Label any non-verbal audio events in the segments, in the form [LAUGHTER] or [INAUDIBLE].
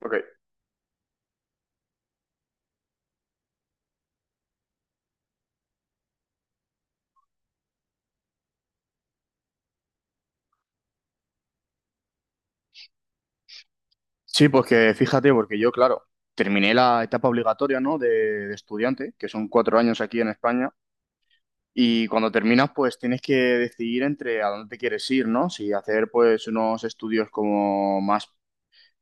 Ok. Sí, pues que fíjate, porque yo, claro, terminé la etapa obligatoria, ¿no? De estudiante, que son 4 años aquí en España, y cuando terminas, pues tienes que decidir entre a dónde te quieres ir, ¿no? Si hacer, pues, unos estudios como más,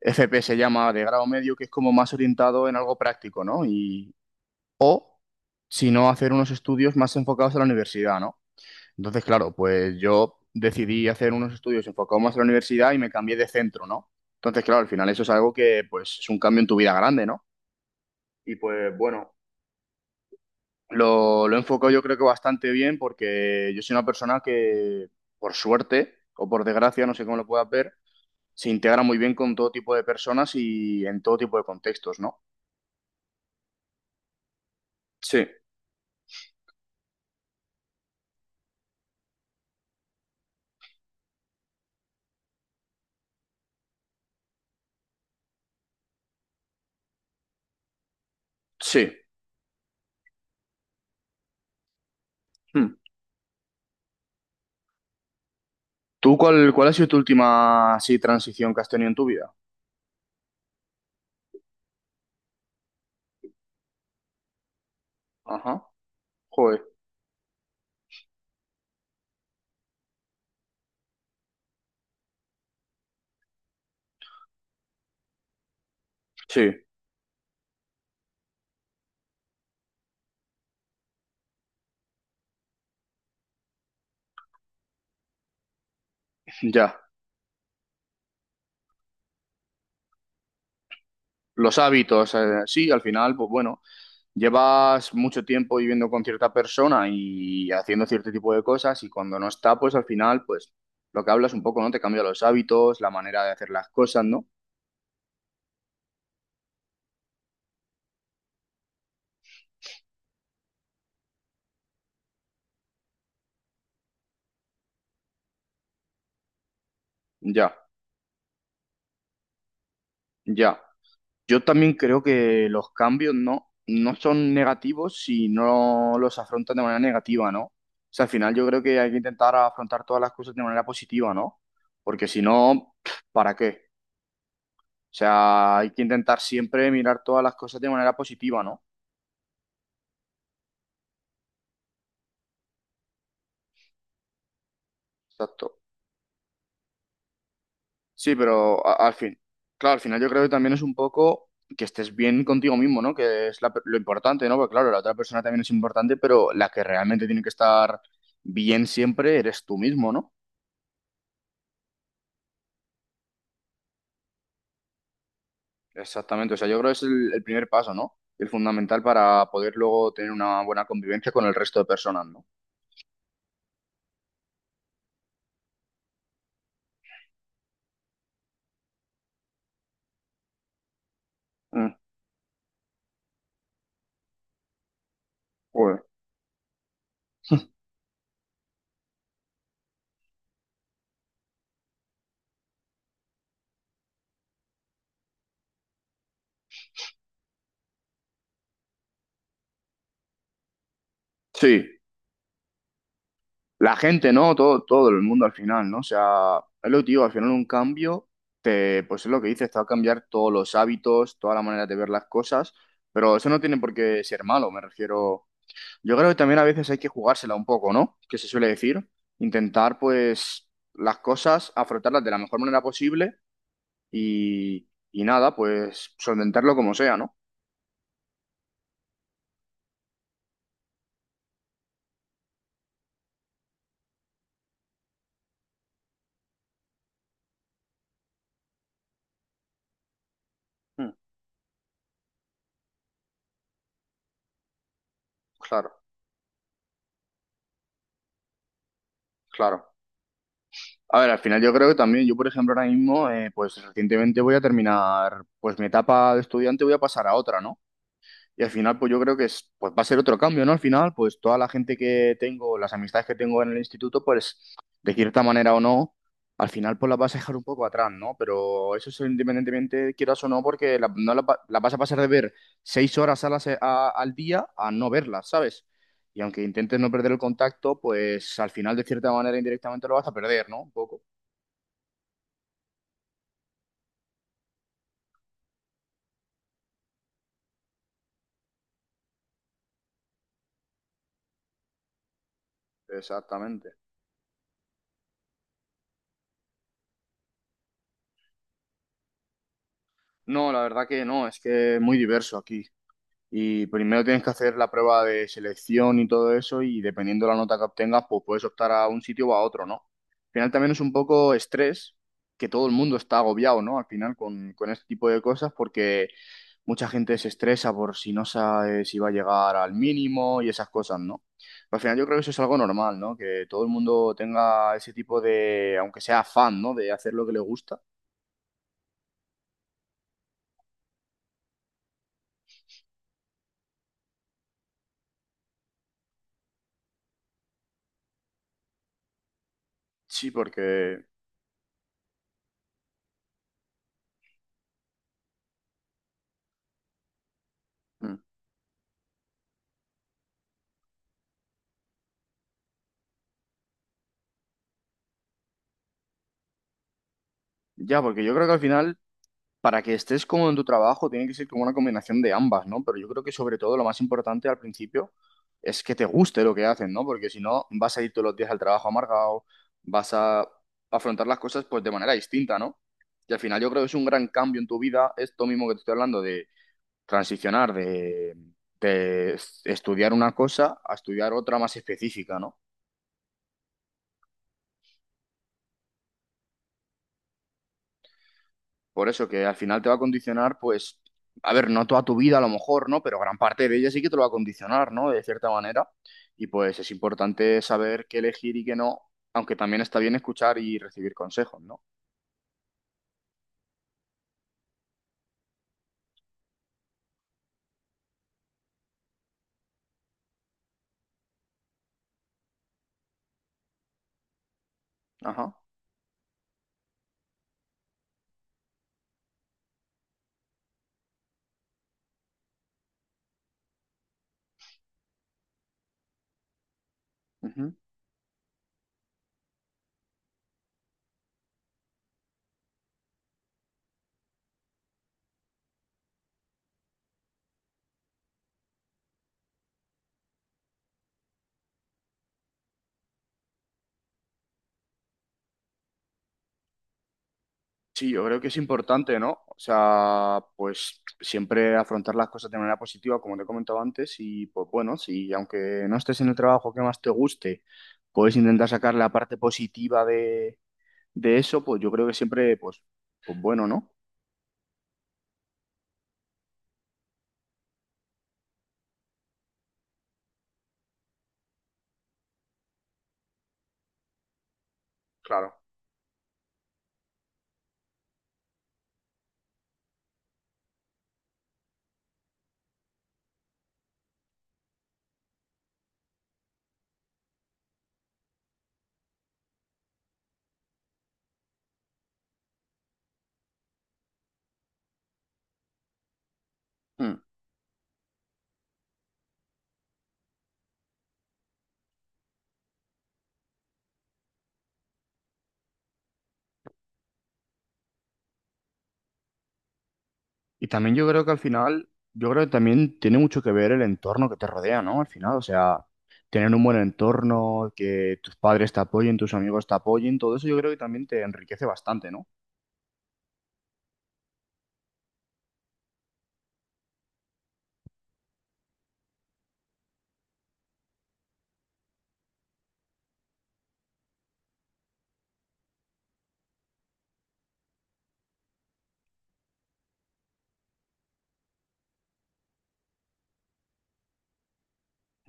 FP se llama, de grado medio, que es como más orientado en algo práctico, ¿no? Y, o, si no, hacer unos estudios más enfocados a la universidad, ¿no? Entonces, claro, pues yo decidí hacer unos estudios enfocados más en la universidad y me cambié de centro, ¿no? Entonces, claro, al final eso es algo que, pues, es un cambio en tu vida grande, ¿no? Y pues, bueno, lo he enfocado yo creo que bastante bien porque yo soy una persona que, por suerte o por desgracia, no sé cómo lo puedas ver, se integra muy bien con todo tipo de personas y en todo tipo de contextos, ¿no? Sí, sí. Hmm. ¿Tú cuál ha sido tu última, así, transición que has tenido en tu vida? Ajá, joder, sí, ya. Los hábitos, sí, al final, pues bueno, llevas mucho tiempo viviendo con cierta persona y haciendo cierto tipo de cosas y cuando no está, pues al final, pues lo que hablas un poco, ¿no? Te cambia los hábitos, la manera de hacer las cosas, ¿no? Ya, ya. Yo también creo que los cambios, ¿no? No son negativos si no los afrontas de manera negativa, ¿no? O sea, al final yo creo que hay que intentar afrontar todas las cosas de manera positiva, ¿no? Porque si no, ¿para qué? O sea, hay que intentar siempre mirar todas las cosas de manera positiva, ¿no? Exacto. Sí, pero claro, al final yo creo que también es un poco que estés bien contigo mismo, ¿no? Que es lo importante, ¿no? Porque claro, la otra persona también es importante, pero la que realmente tiene que estar bien siempre eres tú mismo, ¿no? Exactamente. O sea, yo creo que es el primer paso, ¿no? El fundamental para poder luego tener una buena convivencia con el resto de personas, ¿no? Mm, joder. Sí. La gente, ¿no? Todo, todo el mundo al final, ¿no? O sea, es lo que te digo, al final un cambio, pues es lo que dices, te va a cambiar todos los hábitos, toda la manera de ver las cosas, pero eso no tiene por qué ser malo, me refiero. Yo creo que también a veces hay que jugársela un poco, ¿no? Que se suele decir, intentar pues las cosas, afrontarlas de la mejor manera posible y nada, pues solventarlo como sea, ¿no? Mm, claro, claro. A ver, al final yo creo que también, yo por ejemplo ahora mismo, pues recientemente voy a terminar, pues mi etapa de estudiante voy a pasar a otra, ¿no? Y al final, pues yo creo que es, pues va a ser otro cambio, ¿no? Al final, pues toda la gente que tengo, las amistades que tengo en el instituto, pues de cierta manera o no, al final pues las vas a dejar un poco atrás, ¿no? Pero eso es independientemente quieras o no, porque la- no la, va- la vas a pasar de ver 6 horas a al día a no verlas, ¿sabes? Y aunque intentes no perder el contacto, pues al final de cierta manera indirectamente lo vas a perder, ¿no? Un poco. Exactamente. No, la verdad que no, es que es muy diverso aquí. Y primero tienes que hacer la prueba de selección y todo eso, y dependiendo de la nota que obtengas, pues puedes optar a un sitio o a otro, ¿no? Al final también es un poco estrés, que todo el mundo está agobiado, ¿no? Al final con este tipo de cosas, porque mucha gente se estresa por si no sabe si va a llegar al mínimo y esas cosas, ¿no? Pero al final yo creo que eso es algo normal, ¿no? Que todo el mundo tenga ese tipo de, aunque sea fan, ¿no? De hacer lo que le gusta. Sí, porque mm. Ya, porque yo creo que al final, para que estés cómodo en tu trabajo, tiene que ser como una combinación de ambas, ¿no? Pero yo creo que sobre todo lo más importante al principio es que te guste lo que haces, ¿no? Porque si no, vas a ir todos los días al trabajo amargado, vas a afrontar las cosas pues de manera distinta, ¿no? Y al final yo creo que es un gran cambio en tu vida, esto mismo que te estoy hablando de transicionar de estudiar una cosa a estudiar otra más específica, ¿no? Por eso que al final te va a condicionar, pues, a ver, no toda tu vida a lo mejor, ¿no? Pero gran parte de ella sí que te lo va a condicionar, ¿no? De cierta manera. Y pues es importante saber qué elegir y qué no, aunque también está bien escuchar y recibir consejos, ¿no? Ajá. Ujú. Sí, yo creo que es importante, ¿no? O sea, pues siempre afrontar las cosas de manera positiva, como te he comentado antes, y pues bueno, si aunque no estés en el trabajo que más te guste, puedes intentar sacar la parte positiva de eso, pues yo creo que siempre, pues, pues bueno, ¿no? Claro. Mm. Y también yo creo que al final, yo creo que también tiene mucho que ver el entorno que te rodea, ¿no? Al final, o sea, tener un buen entorno, que tus padres te apoyen, tus amigos te apoyen, todo eso yo creo que también te enriquece bastante, ¿no?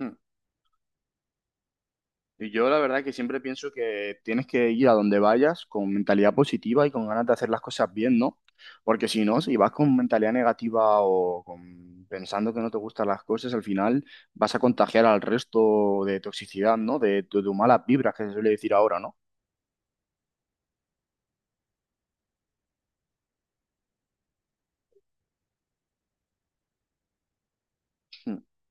Mm. Y yo la verdad que siempre pienso que tienes que ir a donde vayas con mentalidad positiva y con ganas de hacer las cosas bien, ¿no? Porque si no, si vas con mentalidad negativa o con- pensando que no te gustan las cosas, al final vas a contagiar al resto de toxicidad, ¿no? De tus malas vibras, que se suele decir ahora, ¿no? [LAUGHS]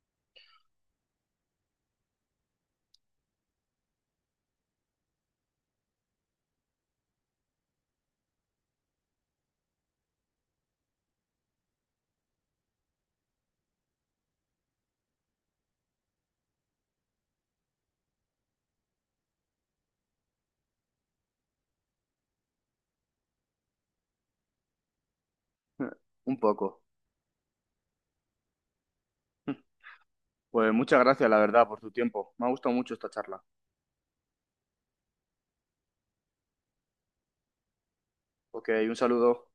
Mm. Un poco. Pues muchas gracias, la verdad, por tu tiempo. Me ha gustado mucho esta charla. Ok, un saludo.